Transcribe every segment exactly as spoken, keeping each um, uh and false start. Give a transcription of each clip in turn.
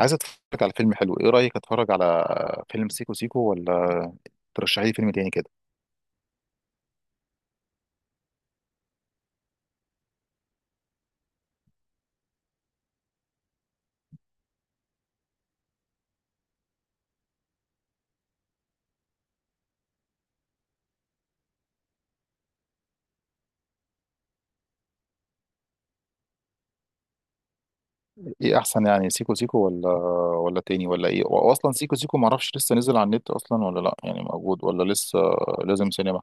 عايز اتفرج على فيلم حلو، ايه رايك اتفرج على فيلم سيكو سيكو ولا ترشحي لي فيلم تاني كده؟ ايه احسن، يعني سيكو سيكو ولا ولا تاني ولا ايه؟ واصلا سيكو سيكو ما اعرفش لسه نزل على النت اصلا ولا لا، يعني موجود ولا لسه لازم سينما؟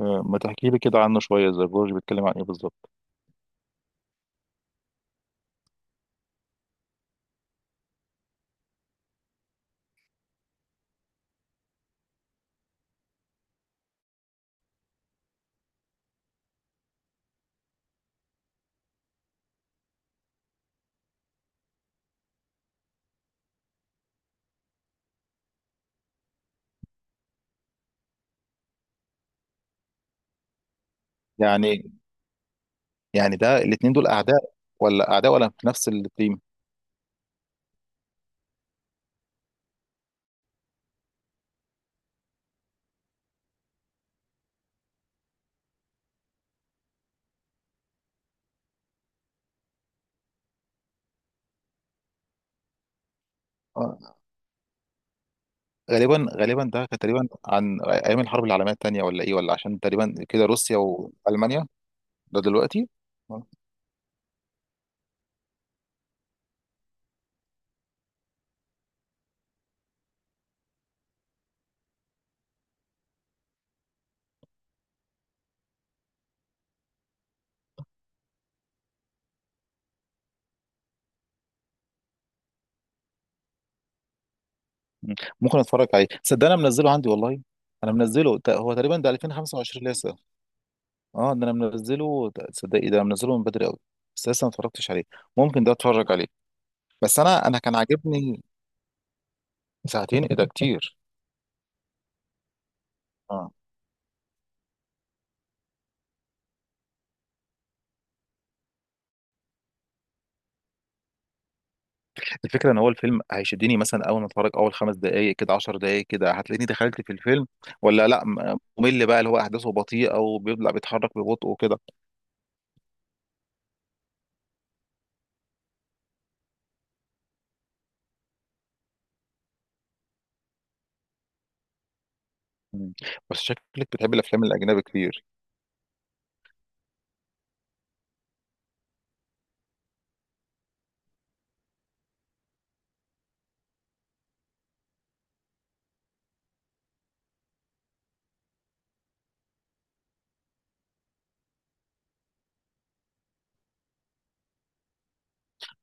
آه، ما تحكي لي كده عنه شويه، زي جورج بيتكلم عن ايه بالظبط؟ يعني يعني ده الاتنين دول اعداء ولا اعداء ولا في نفس التيم؟ آه، غالبا غالبا ده كان تقريبا عن ايام الحرب العالميه الثانيه ولا ايه، ولا عشان تقريبا كده روسيا والمانيا؟ ده دلوقتي. مم. ممكن اتفرج عليه، صدق انا منزله عندي والله. انا منزله ت- هو تقريبا ده ألفين وخمسة وعشرين لسه. اه ده انا منزله ت- تصدقي ده أنا منزله من بدري قوي، بس لسه ما اتفرجتش عليه. ممكن ده اتفرج عليه. بس انا انا كان عاجبني. ساعتين ايه ده كتير! اه الفكره ان هو الفيلم هيشدني مثلا، اول ما اتفرج اول خمس دقائق كده، عشر دقائق كده هتلاقيني دخلت في الفيلم، ولا لا م- ممل بقى اللي هو احداثه بطيئه وبيبدا بيتحرك ببطء وكده؟ مم. بس شكلك بتحب الافلام الاجنبي كتير.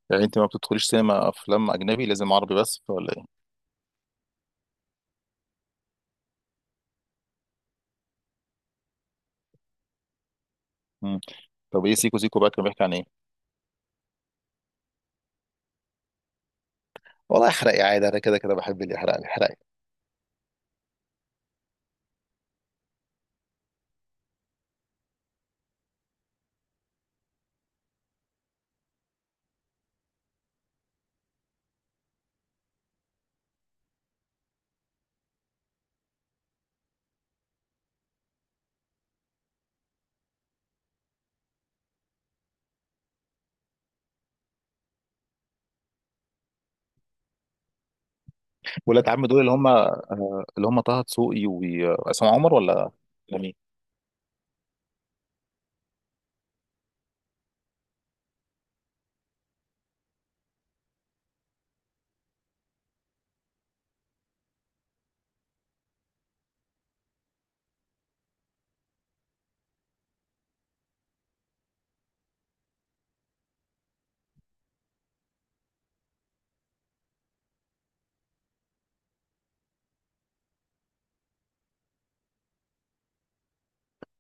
يعني انت ما بتدخليش سينما افلام اجنبي، لازم عربي بس ولا إيه؟ مم. طب ايه سيكو سيكو بقى كان بيحكي عن ايه؟ والله احرقي عادي، انا كده كده بحب اللي يحرق لي، احرقي. ولاد عم دول اللي هم، آه، اللي هم طه دسوقي وعصام عمر، ولا ولا مين؟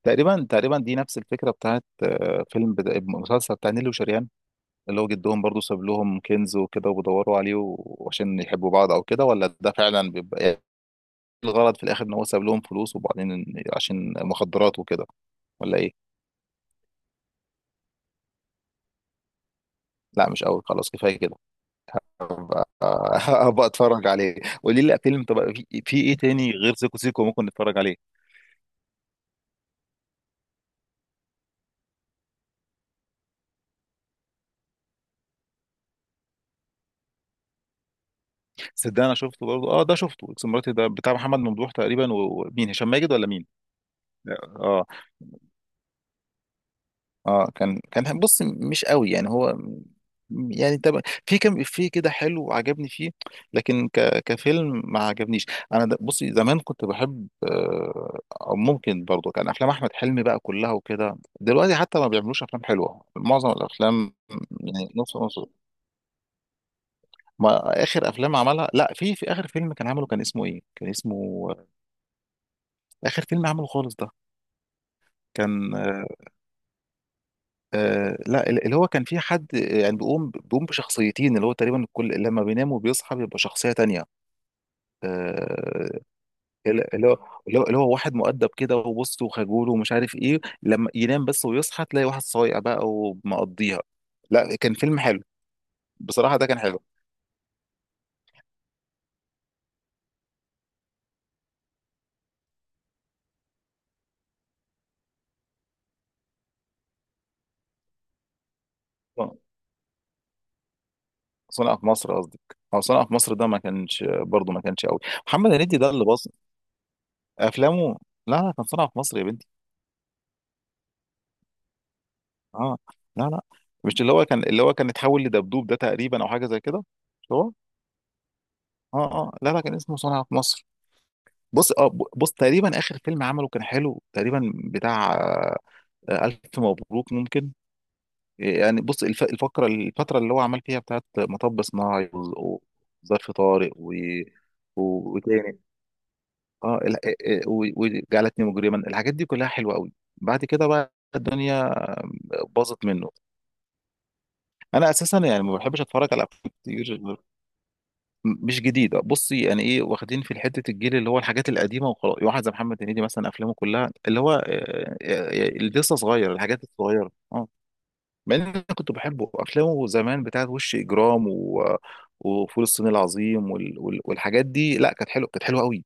تقريبا تقريبا دي نفس الفكره بتاعت آه، فيلم بدا... مسلسل بتاع نيلي وشريان، اللي هو جدهم برضو ساب لهم كنز وكده وبيدوروا عليه و- وعشان يحبوا بعض او كده، ولا ده فعلا بيبقى إيه الغرض في الاخر؟ ان هو ساب لهم فلوس، وبعدين عشان مخدرات وكده، ولا ايه؟ لا مش قوي، خلاص كفايه كده. آه، هبقى اتفرج عليه. قولي لي فيلم، طب في في ايه تاني غير سيكو سيكو ممكن نتفرج عليه؟ صدق انا شفته برضه، اه ده شفته، اكس مراتي ده بتاع محمد ممدوح تقريبا و- ومين، هشام ماجد ولا مين؟ اه اه. آه، كان كان بص مش قوي يعني هو، يعني طب في كم في كده حلو عجبني فيه، لكن ك كفيلم ما عجبنيش. انا د- بصي زمان كنت بحب، آه، او ممكن برضه كان افلام احمد حلمي بقى كلها وكده، دلوقتي حتى ما بيعملوش افلام حلوه معظم الافلام. يعني نص نص. ما اخر افلام عملها، لا في في اخر فيلم كان عمله كان اسمه ايه، كان اسمه اخر فيلم عمله خالص ده، كان آه. آه، لا اللي هو كان فيه حد يعني بيقوم بيقوم بشخصيتين، اللي هو تقريبا كل لما بينام وبيصحى بيبقى شخصية تانية. آه، اللي اللي هو اللي هو اللي هو واحد مؤدب كده وبص وخجول ومش عارف ايه، لما ينام بس ويصحى تلاقي واحد صايع بقى ومقضيها. لا كان فيلم حلو، بصراحة ده كان حلو. صنع في مصر قصدي، او صنع في مصر ده ما كانش برضه ما كانش قوي. محمد هنيدي ده اللي بص افلامه. لا لا كان صنع في مصر يا بنتي. اه لا لا، مش اللي هو كان اللي هو كان اتحول لدبدوب، ده تقريبا او حاجه زي كده. مش هو؟ اه اه لا لا كان اسمه صنع في مصر. بص اه ب- بص تقريبا اخر فيلم عمله كان حلو تقريبا بتاع آه، الف مبروك ممكن، يعني بص الف- الفقره الفتره اللي هو عمل فيها بتاعت مطب صناعي و- وظرف طارق و، و- وتاني اه ال- آه، آه، و- وجعلتني مجرما، الحاجات دي كلها حلوه قوي. بعد كده بقى الدنيا باظت منه. انا اساسا يعني ما بحبش اتفرج على افلام كتير غير- مش جديده. بصي، يعني ايه واخدين في حته الجيل اللي هو الحاجات القديمه وخلاص. واحد زي محمد هنيدي مثلا، افلامه كلها اللي هو آه، آه، اللي لسه صغير الحاجات الصغيره اه. مع ان انا كنت بحبه، افلامه زمان بتاعت وش اجرام و وفول الصين العظيم وال... وال... والحاجات دي، لا كانت حلوه، كانت حلوه قوي.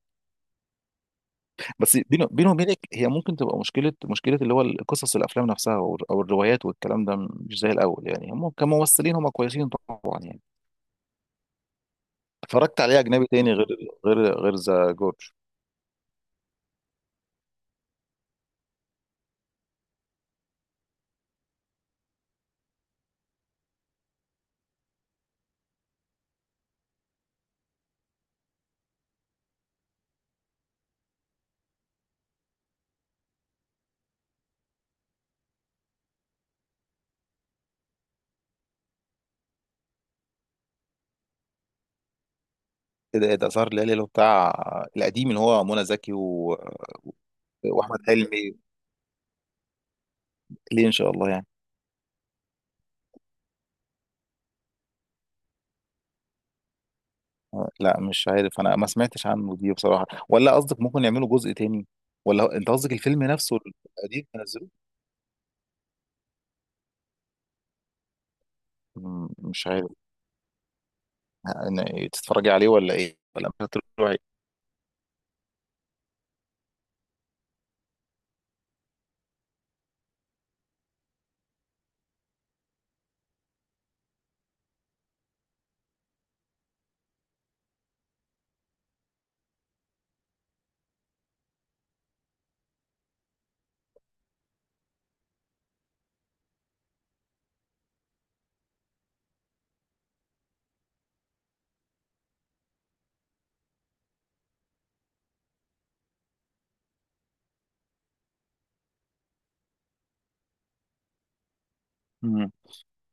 بس بينه، بينه وبينك، هي ممكن تبقى مشكله مشكله اللي هو قصص الافلام نفسها او أو الروايات والكلام ده مش زي الاول، يعني هم كممثلين هم كويسين طبعا يعني. اتفرجت عليه اجنبي تاني غير غير غير ذا جورج؟ ايه ده، ايه ده سهر الليالي اللي هو بتاع القديم اللي هو منى زكي و... واحمد حلمي؟ ليه ان شاء الله يعني؟ آه، لا مش عارف، انا ما سمعتش عنه دي بصراحه، ولا قصدك ممكن يعملوا جزء تاني، ولا هو- انت قصدك الفيلم نفسه القديم نزلوه؟ مم، مش عارف. أنا- تتفرجي عليه ولا ايه، ولا مش هتروحي؟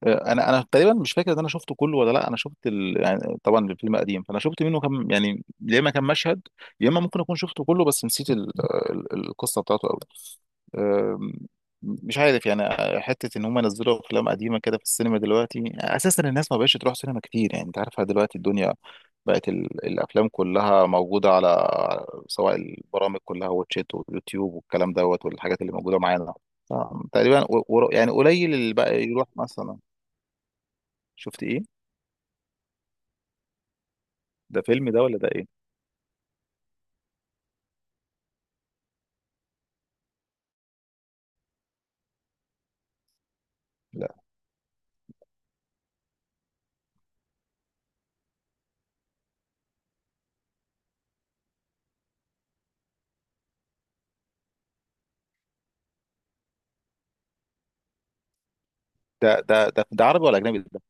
آه، انا انا تقريبا مش فاكر ان انا شفته كله ولا لا. انا شفت ال... يعني طبعا الفيلم قديم، فانا شفت منه كم يعني، يا اما كم مشهد يا اما ممكن اكون شفته كله بس نسيت ال... ال- القصه بتاعته قوي. أم، مش عارف يعني آه، حته ان هم نزلوا افلام قديمه كده في السينما دلوقتي. اساسا الناس ما بقتش تروح سينما كتير، يعني انت عارفها دلوقتي الدنيا بقت ال... الافلام كلها موجوده على، سواء البرامج كلها، واتشات واليوتيوب والكلام دوت والحاجات اللي موجوده معانا. ف- تقريبا و... و... يعني قليل اللي بقى يروح مثلا. شفت ايه؟ ده فيلم ده ولا ده ايه؟ لا ده ده ده، ده عربي ولا اجنبي ده؟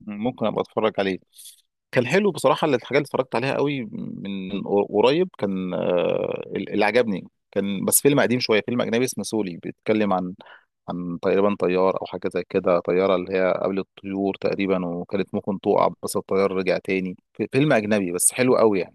ممكن ابقى اتفرج عليه. كان حلو بصراحه، اللي- الحاجه اللي اتفرجت عليها قوي من من قريب كان آه، اللي عجبني كان بس فيلم قديم شويه، فيلم اجنبي اسمه سولي، بيتكلم عن عن تقريبا طيار او حاجه زي كده، طياره اللي هي قبل الطيور تقريبا وكانت ممكن تقع، بس الطيار رجع تاني في- فيلم اجنبي بس حلو قوي يعني.